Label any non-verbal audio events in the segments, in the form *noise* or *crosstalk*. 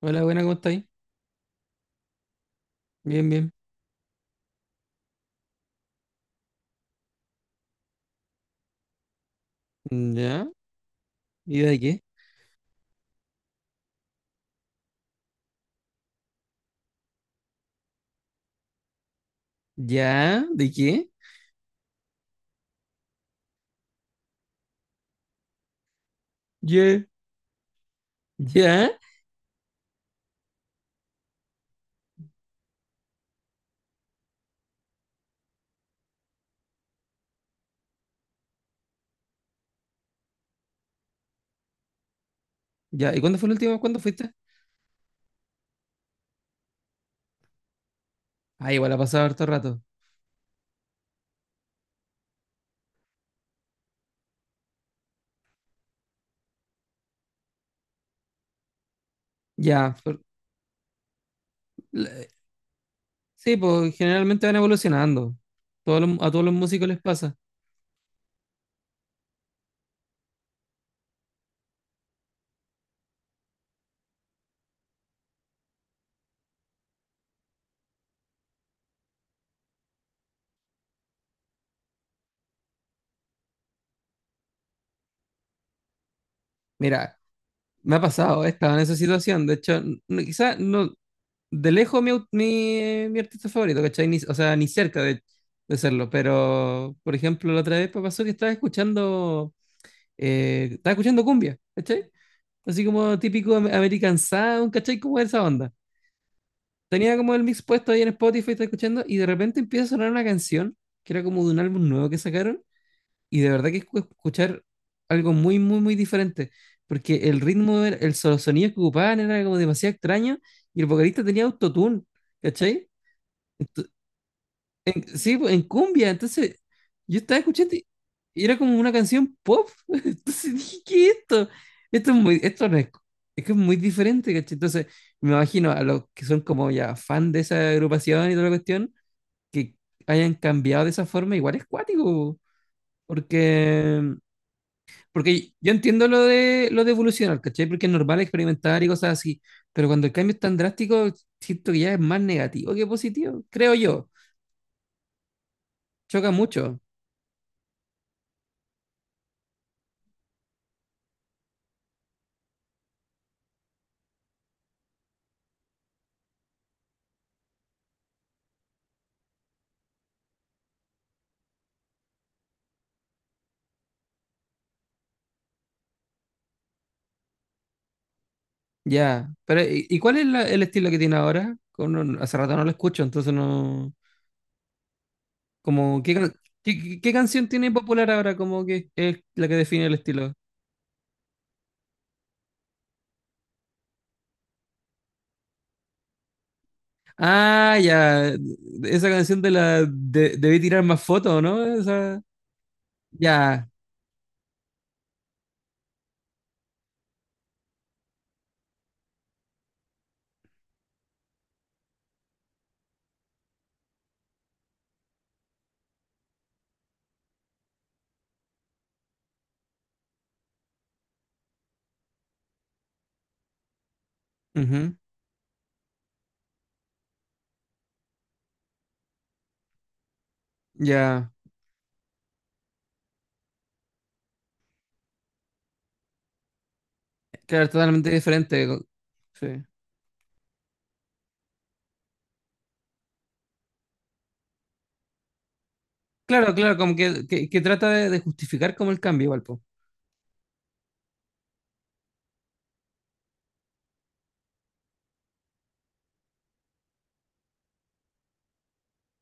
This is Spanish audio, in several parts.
Hola, buena, ¿cómo estáis? Bien, bien. ¿Ya? ¿Y de qué? ¿Ya? ¿De qué? ¿Ya? ¿Ya? ¿Ya? ¿Y cuándo fue la última? ¿Cuándo fuiste? Ah, igual ha pasado harto rato. Ya. La- Sí, pues generalmente van evolucionando. A todos los músicos les pasa. Mira, me ha pasado, he estado en esa situación. De hecho, quizás no, de lejos mi artista favorito, ¿cachai? O sea, ni cerca de serlo. Pero, por ejemplo, la otra vez me pasó que estaba escuchando cumbia, ¿cachai? Así como típico American Sound, ¿cachai? Como esa onda. Tenía como el mix puesto ahí en Spotify, estaba escuchando, y de repente empieza a sonar una canción, que era como de un álbum nuevo que sacaron, y de verdad que es escuchar algo muy, muy, muy diferente, porque el ritmo, sonido que ocupaban era como demasiado extraño, y el vocalista tenía autotune, ¿cachai? Ento- sí, pues, en cumbia. Entonces, yo estaba escuchando y era como una canción pop. *laughs* Entonces dije, ¿qué es esto? Esto es muy, esto no es, es que es muy diferente, ¿cachai? Entonces, me imagino a los que son como ya fan de esa agrupación y toda la cuestión, que hayan cambiado de esa forma, igual es cuático. Porque, porque yo entiendo lo de evolucionar, ¿cachai? Porque es normal experimentar y cosas así. Pero cuando el cambio es tan drástico, siento que ya es más negativo que positivo, creo yo. Choca mucho. Ya, pero ¿y cuál es el estilo que tiene ahora? Como hace rato no lo escucho, entonces no... Como, ¿qué canción tiene popular ahora? Como que es la que define el estilo. Ah, ya, esa canción de la... debí tirar más fotos, ¿no? Esa... Ya, ujú, ya. Claro, totalmente diferente. Sí. Claro, claro, como que, que trata de justificar como el cambio igual, po.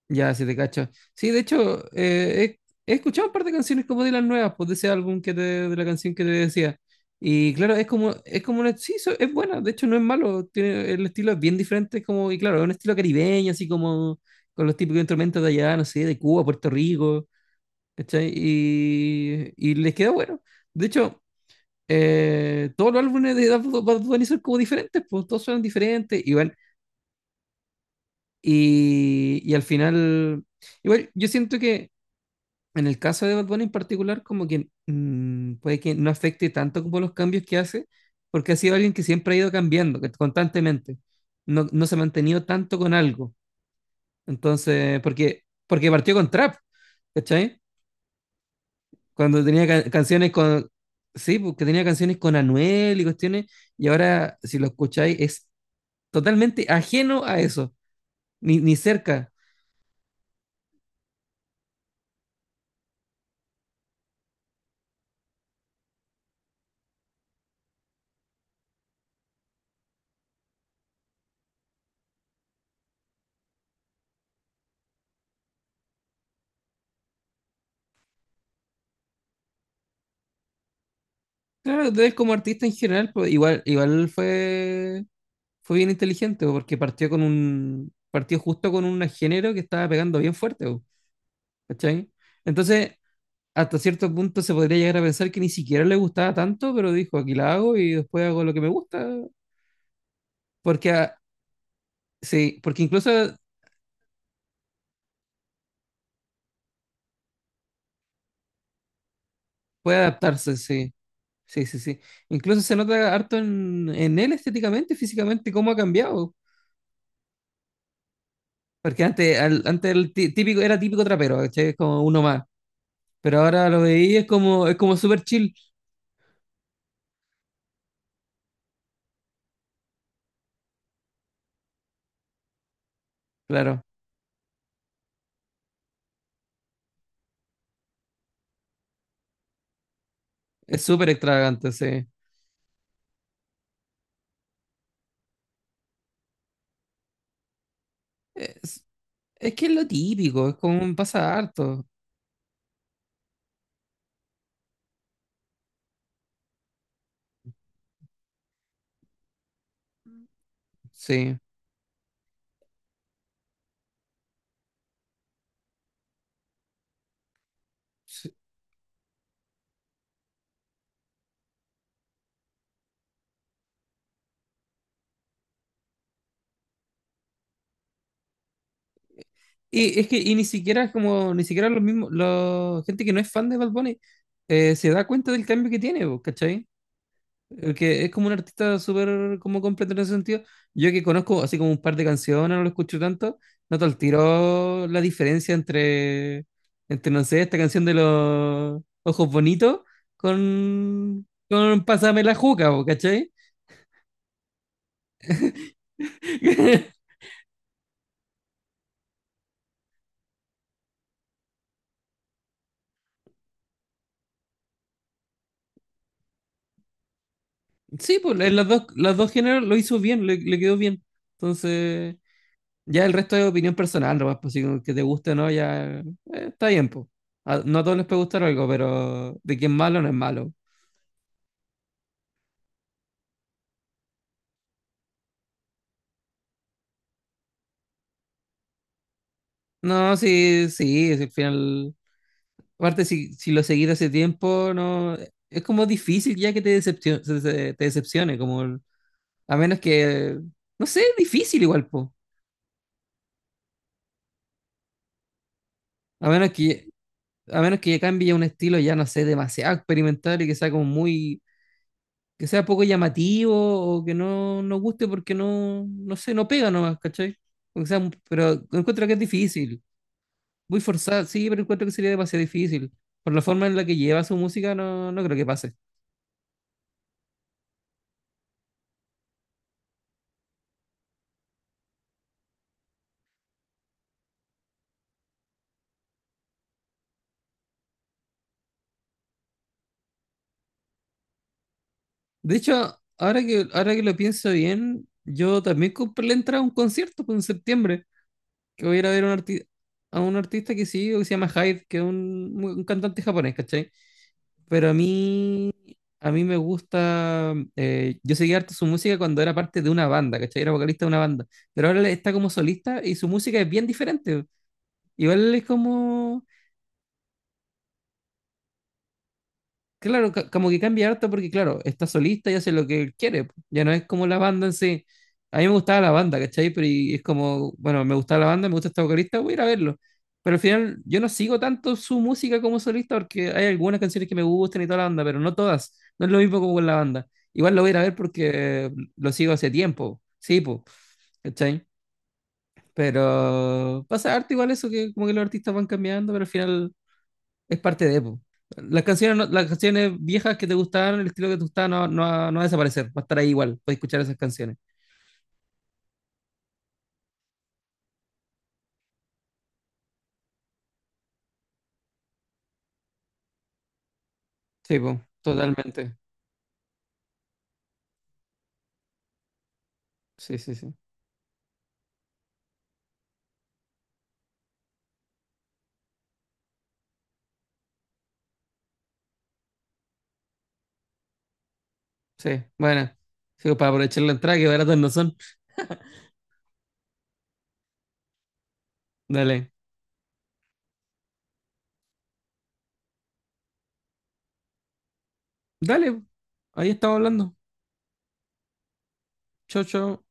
Ya, si te cacho. Sí, de hecho, he escuchado un par de canciones como de las nuevas, pues de ese álbum de la canción que te decía. Y claro, es como una, sí, es buena, de hecho no es malo, tiene, el estilo es bien diferente, es como, y claro, es un estilo caribeño, así como con los típicos instrumentos de allá, no sé, de Cuba, Puerto Rico, ¿cachai? Y les queda bueno. De hecho, todos los álbumes de Bad Bunny son como diferentes, pues todos suenan diferentes, igual y al final, igual, yo siento que en el caso de Bad Bunny en particular, como que puede que no afecte tanto como los cambios que hace, porque ha sido alguien que siempre ha ido cambiando que constantemente. No, no se ha mantenido tanto con algo. Entonces, porque partió con trap, ¿cachai? Cuando tenía ca- canciones con, Sí, porque tenía canciones con Anuel y cuestiones, y ahora, si lo escucháis, es totalmente ajeno a eso, ni cerca. Claro, de él como artista en general, pues, igual fue bien inteligente, bo, porque partió con un, partió justo con un género que estaba pegando bien fuerte, bo, ¿cachai? Entonces, hasta cierto punto se podría llegar a pensar que ni siquiera le gustaba tanto, pero dijo, aquí la hago y después hago lo que me gusta, porque, sí, porque incluso puede adaptarse, sí, sí, sí, sí. Incluso se nota harto en él estéticamente, físicamente, cómo ha cambiado. Porque antes, típico, era típico trapero, ¿cachai? Como uno más. Pero ahora lo veí, es como súper chill, claro. Es súper extravagante, sí. Es, es que es lo típico, es como pasa harto. Sí. Sí. Y es que y ni siquiera es como, ni siquiera los mismos, la gente que no es fan de Bad Bunny se da cuenta del cambio que tiene, po, ¿cachai? Porque es como un artista súper como completo en ese sentido. Yo que conozco así como un par de canciones, no lo escucho tanto, noto al tiro la diferencia entre, entre, no sé, esta canción de los ojos bonitos con Pásame la juca, po, ¿cachai? *laughs* Sí, pues en las dos géneros lo hizo bien, le quedó bien. Entonces, ya el resto es opinión personal, nomás, pues si como que te guste o no, ya está bien, pues. No a todos les puede gustar algo, pero de que es malo. No, sí, sí, si al final. Aparte, si, si lo seguís hace tiempo, no. Es como difícil ya que te decepcione, a menos que. No sé, es difícil igual, pues. A menos que. A menos que cambie un estilo ya, no sé, demasiado experimental y que sea como muy que sea poco llamativo o que no nos guste porque no, no sé, no pega nomás, ¿cachai? O que sea un- Pero encuentro que es difícil. Muy forzado, sí, pero encuentro que sería demasiado difícil. Por la forma en la que lleva su música, no, no creo que pase. De hecho, ahora que lo pienso bien, yo también compré la entrada a un concierto pues, en septiembre, que voy a ir a ver a a un artista que sigo que se llama Hyde, que es un cantante japonés, ¿cachai? Pero a mí me gusta, yo seguía harto su música cuando era parte de una banda, ¿cachai? Era vocalista de una banda, pero ahora él está como solista y su música es bien diferente. Igual es como claro, como que cambia harto porque, claro, está solista y hace lo que él quiere, po. Ya no es como la banda en sí. A mí me gustaba la banda, ¿cachai? Pero es como, bueno, me gustaba la banda, me gusta esta vocalista, voy a ir a verlo. Pero al final yo no sigo tanto su música como solista porque hay algunas canciones que me gustan y toda la banda, pero no todas. No es lo mismo como con la banda. Igual lo voy a ir a ver porque lo sigo hace tiempo. Sí, pues, ¿cachai? Pero pasa harto igual eso que como que los artistas van cambiando, pero al final es parte de Epo. Las canciones, las canciones viejas que te gustaban, el estilo que te gustaba, no, no va a desaparecer, va a estar ahí igual, puedes escuchar esas canciones. Sí, po, totalmente. Sí, sí, sí. Sí, bueno. Sí, para aprovechar la entrada, que baratos no son. Dale, dale, po. Ahí estamos hablando. Chao, chao.